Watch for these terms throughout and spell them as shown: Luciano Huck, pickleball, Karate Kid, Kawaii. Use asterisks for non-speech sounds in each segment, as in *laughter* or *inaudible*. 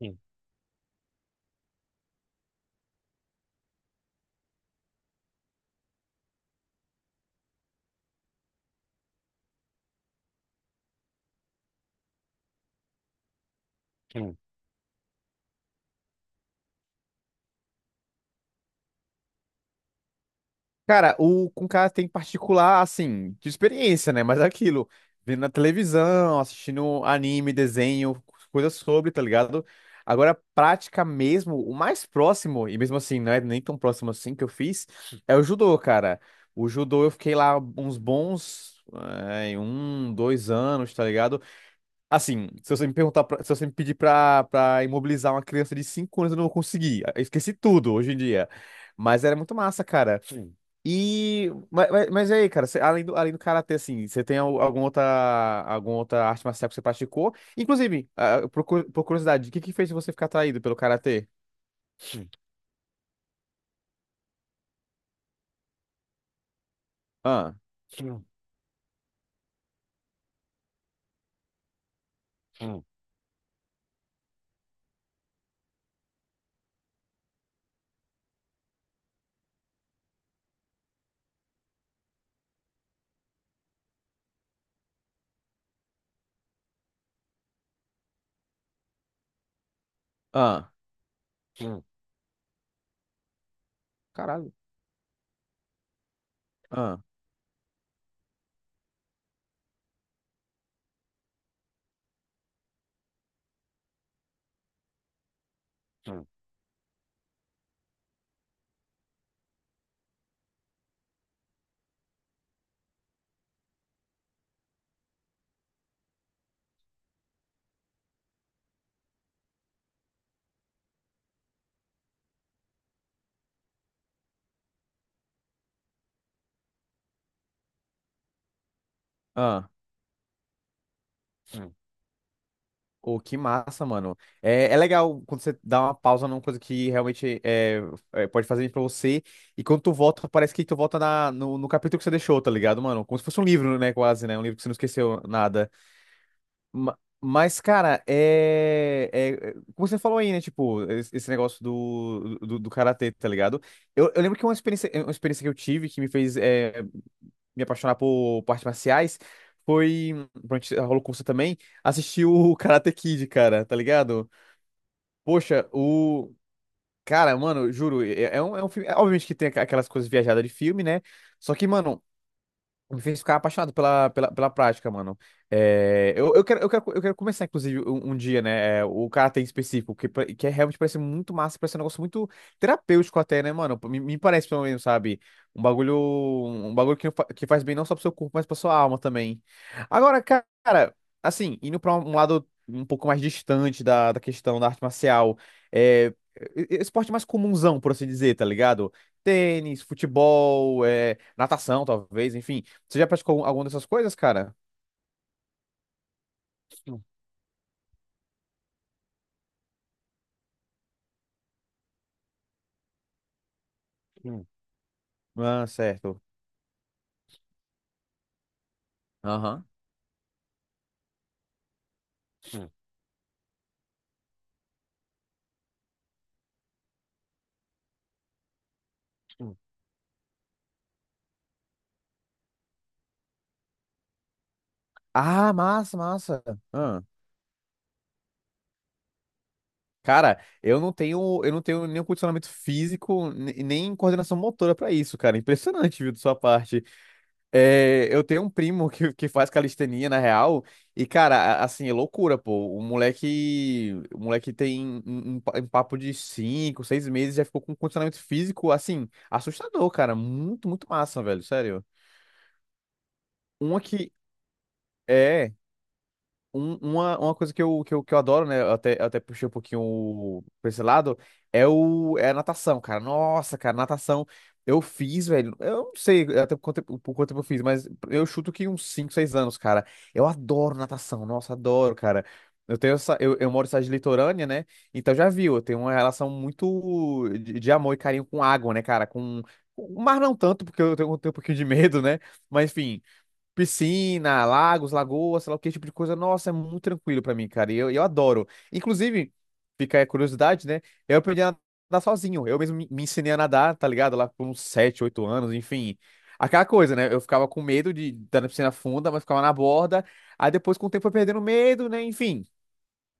Sim, sim. Cara, o com cara tem particular, assim, de experiência, né? Mas é aquilo, vendo na televisão, assistindo anime, desenho, coisas sobre, tá ligado? Agora, prática mesmo, o mais próximo, e mesmo assim, não é nem tão próximo assim que eu fiz, é o judô, cara. O judô eu fiquei lá uns bons, 1, 2 anos, tá ligado? Assim, se você me perguntar, se você me pedir pra imobilizar uma criança de 5 anos, eu não vou conseguir. Eu esqueci tudo hoje em dia. Mas era muito massa, cara. Sim. Mas e aí, cara, além do karatê, assim, você tem alguma outra arte marcial que você praticou? Inclusive, por curiosidade, o que que fez você ficar atraído pelo karatê? Sim. Ah, sim. Sim. Ah, sim. Caralho. Ah, ah. Pô, que massa, mano. É, é legal quando você dá uma pausa numa coisa que realmente pode fazer bem pra você. E quando tu volta, parece que tu volta na, no, no capítulo que você deixou, tá ligado, mano? Como se fosse um livro, né? Quase, né? Um livro que você não esqueceu nada. Mas, cara, como você falou aí, né? Tipo, esse negócio do karatê, tá ligado? Eu lembro que uma experiência que eu tive que me fez me apaixonar por artes marciais foi. Pronto, rolou com você também. Assistir o *laughs* Karate Kid, cara, tá ligado? Poxa, o. Cara, mano, juro, é um filme. Obviamente que tem aquelas coisas viajadas de filme, né? Só que, mano, me fez ficar apaixonado pela prática, mano. É, eu quero começar, inclusive, um dia, né? O karatê em específico, que é realmente parece muito massa, parece um negócio muito terapêutico até, né, mano? Me parece, pelo menos, sabe? Um bagulho, um um bagulho que faz bem não só pro seu corpo, mas pra sua alma também. Agora, cara, assim, indo pra um lado um pouco mais distante da questão da arte marcial, é, esporte mais comunzão, por assim dizer, tá ligado? Tênis, futebol, natação, talvez, enfim. Você já praticou alguma dessas coisas, cara? Hum, hum. Ah, certo. Aham. Hum, hum. Ah, massa, massa. Ah. Cara, eu não tenho nenhum condicionamento físico, nem coordenação motora pra isso, cara. Impressionante, viu, de sua parte. É, eu tenho um primo que faz calistenia, na real, e, cara, assim, é loucura, pô. O moleque tem um papo de 5, 6 meses, já ficou com um condicionamento físico, assim, assustador, cara. Muito, muito massa, velho, sério. Uma que, É, um- uma coisa que eu, que eu, que eu adoro, né? Eu até puxei um pouquinho pra esse lado, é a natação, cara. Nossa, cara, natação. Eu fiz, velho. Eu não sei até por quanto tempo eu fiz, mas eu chuto que uns 5 6 anos, cara. Eu adoro natação, nossa, adoro, cara. Eu tenho essa, eu moro em cidade litorânea, né? Então já viu, eu tenho uma relação muito de amor e carinho com água, né, cara? Com o mar não tanto, porque eu tenho um pouquinho de medo, né? Mas enfim. Piscina, lagos, lagoas, sei lá o que, esse tipo de coisa. Nossa, é muito tranquilo pra mim, cara. E eu adoro. Inclusive, fica aí a curiosidade, né? Eu aprendi a nadar sozinho. Eu mesmo me ensinei a nadar, tá ligado? Lá por uns 7 8 anos, enfim. Aquela coisa, né? Eu ficava com medo de estar na piscina funda, mas ficava na borda. Aí depois, com o tempo, foi perdendo medo, né? Enfim.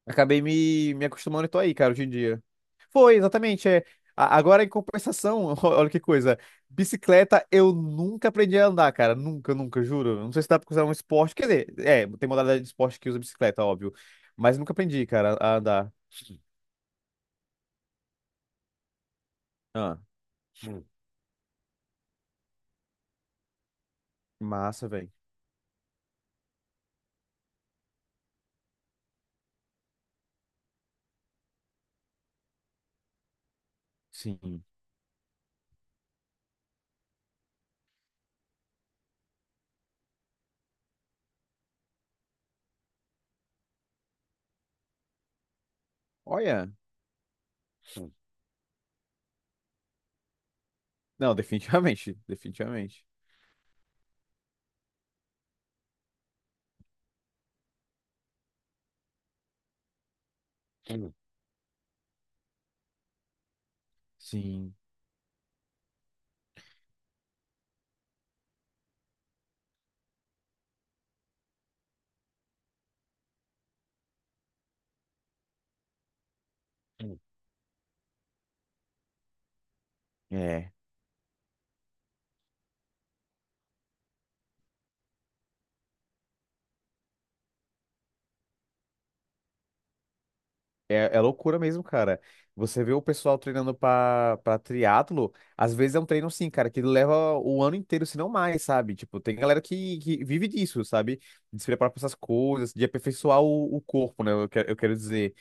Acabei me acostumando e tô aí, cara, hoje em dia. Foi, exatamente. É. Agora, em compensação, *laughs* olha que coisa. Bicicleta eu nunca aprendi a andar, cara. Nunca, nunca, juro. Não sei se dá pra considerar um esporte. Quer dizer, tem modalidade de esporte que usa bicicleta, óbvio. Mas nunca aprendi, cara, a andar. Ah. Hum, massa, velho. Sim. Olha. Hum, não, *laughs* definitivamente. Definitivamente. Hum. Sim. Hum. É. É, é loucura mesmo, cara. Você vê o pessoal treinando pra triatlo, às vezes é um treino assim, cara, que leva o ano inteiro, se não mais, sabe? Tipo, tem galera que vive disso, sabe? De se preparar pra essas coisas, de aperfeiçoar o corpo, né? Eu quero dizer.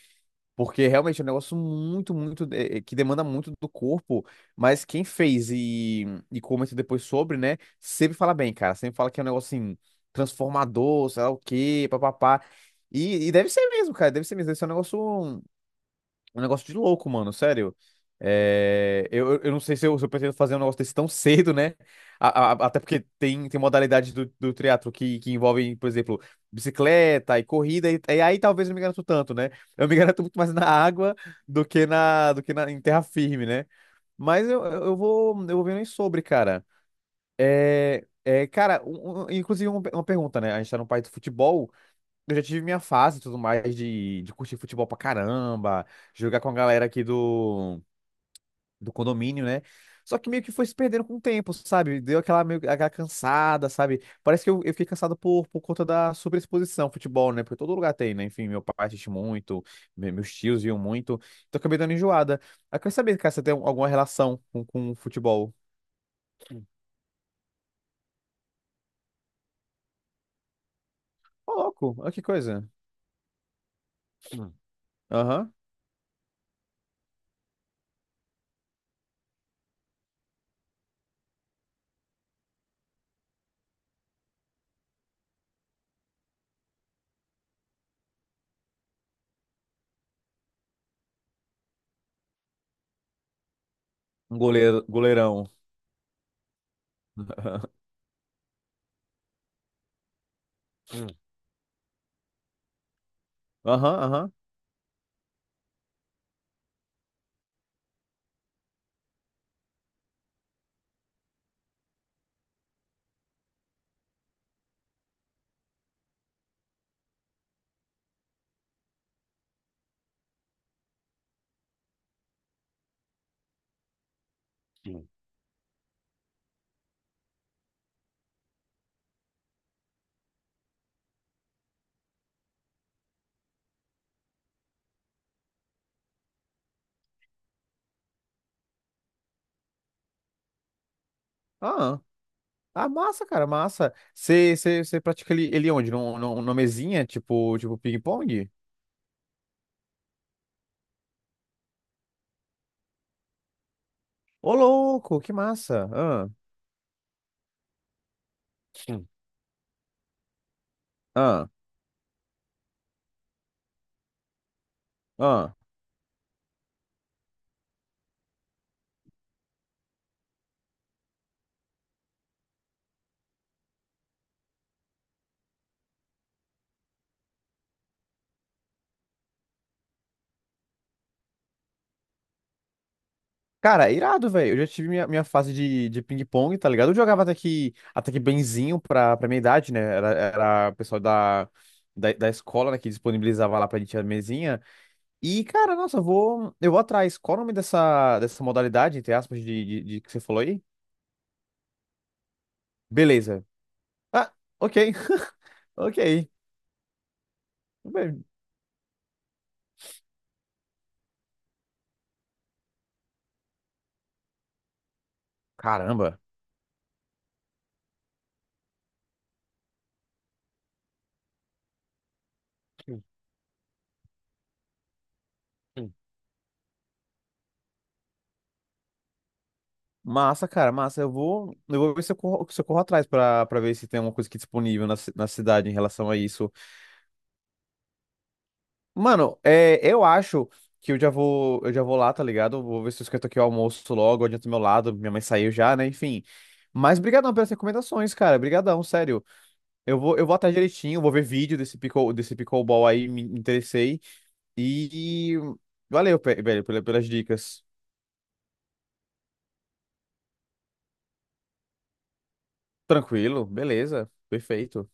Porque realmente é um negócio muito, muito, que demanda muito do corpo, mas quem fez e comenta depois sobre, né? Sempre fala bem, cara. Sempre fala que é um negócio assim, transformador, sei lá o quê, papapá. E deve ser mesmo, cara, deve ser mesmo. Deve ser um negócio. Um negócio de louco, mano, sério. É, eu não sei se eu pretendo fazer um negócio desse tão *laughs* cedo, né? Até porque tem modalidades do triatlo que envolvem, por exemplo, bicicleta e corrida, e aí talvez eu não me garanto tanto, né? Eu me *laughs* garanto muito mais na água do que na, em terra firme, né? Mas eu vou vendo aí sobre, cara. É, cara, inclusive uma pergunta, né? A gente tá no país do futebol. Eu já tive minha fase e tudo mais de curtir futebol pra caramba, jogar com a galera aqui do condomínio, né? Só que meio que foi se perdendo com o tempo, sabe? Deu aquela cansada, sabe? Parece que eu fiquei cansado por conta da superexposição ao futebol, né? Porque todo lugar tem, né? Enfim, meu pai assiste muito, meus tios viam muito, então eu acabei dando enjoada. Eu quero saber, cara, se você tem alguma relação com o futebol. Hum. Ô, louco, olha que coisa. Hum. Aham. Um goleiro, goleirão. *laughs* Aham, aham. Aham. Ah, massa, cara, massa. Você pratica ele onde? Numa mesinha, tipo ping-pong? Ô, louco, que massa. Ah, sim. Ah, ah. Cara, irado, velho. Eu já tive minha fase de ping-pong, tá ligado? Eu jogava até que benzinho pra minha idade, né? Era o pessoal da escola, né, que disponibilizava lá pra gente a mesinha. E, cara, nossa, eu vou atrás. Qual o nome dessa modalidade, entre aspas, de que você falou aí? Beleza. Ah, ok. *laughs* Ok. Bem. Caramba. Massa, cara, massa. Eu vou ver se eu corro atrás pra ver se tem alguma coisa aqui disponível na cidade em relação a isso. Mano, eu acho que eu já vou lá, tá ligado? Vou ver se eu esquento aqui o almoço logo, adianto do meu lado, minha mãe saiu já, né? Enfim. Mas brigadão pelas recomendações, cara. Brigadão, sério. Eu vou atrás direitinho, vou ver vídeo desse pickle, desse pickleball aí, me interessei. E valeu, velho, pelas dicas. Tranquilo, beleza, perfeito.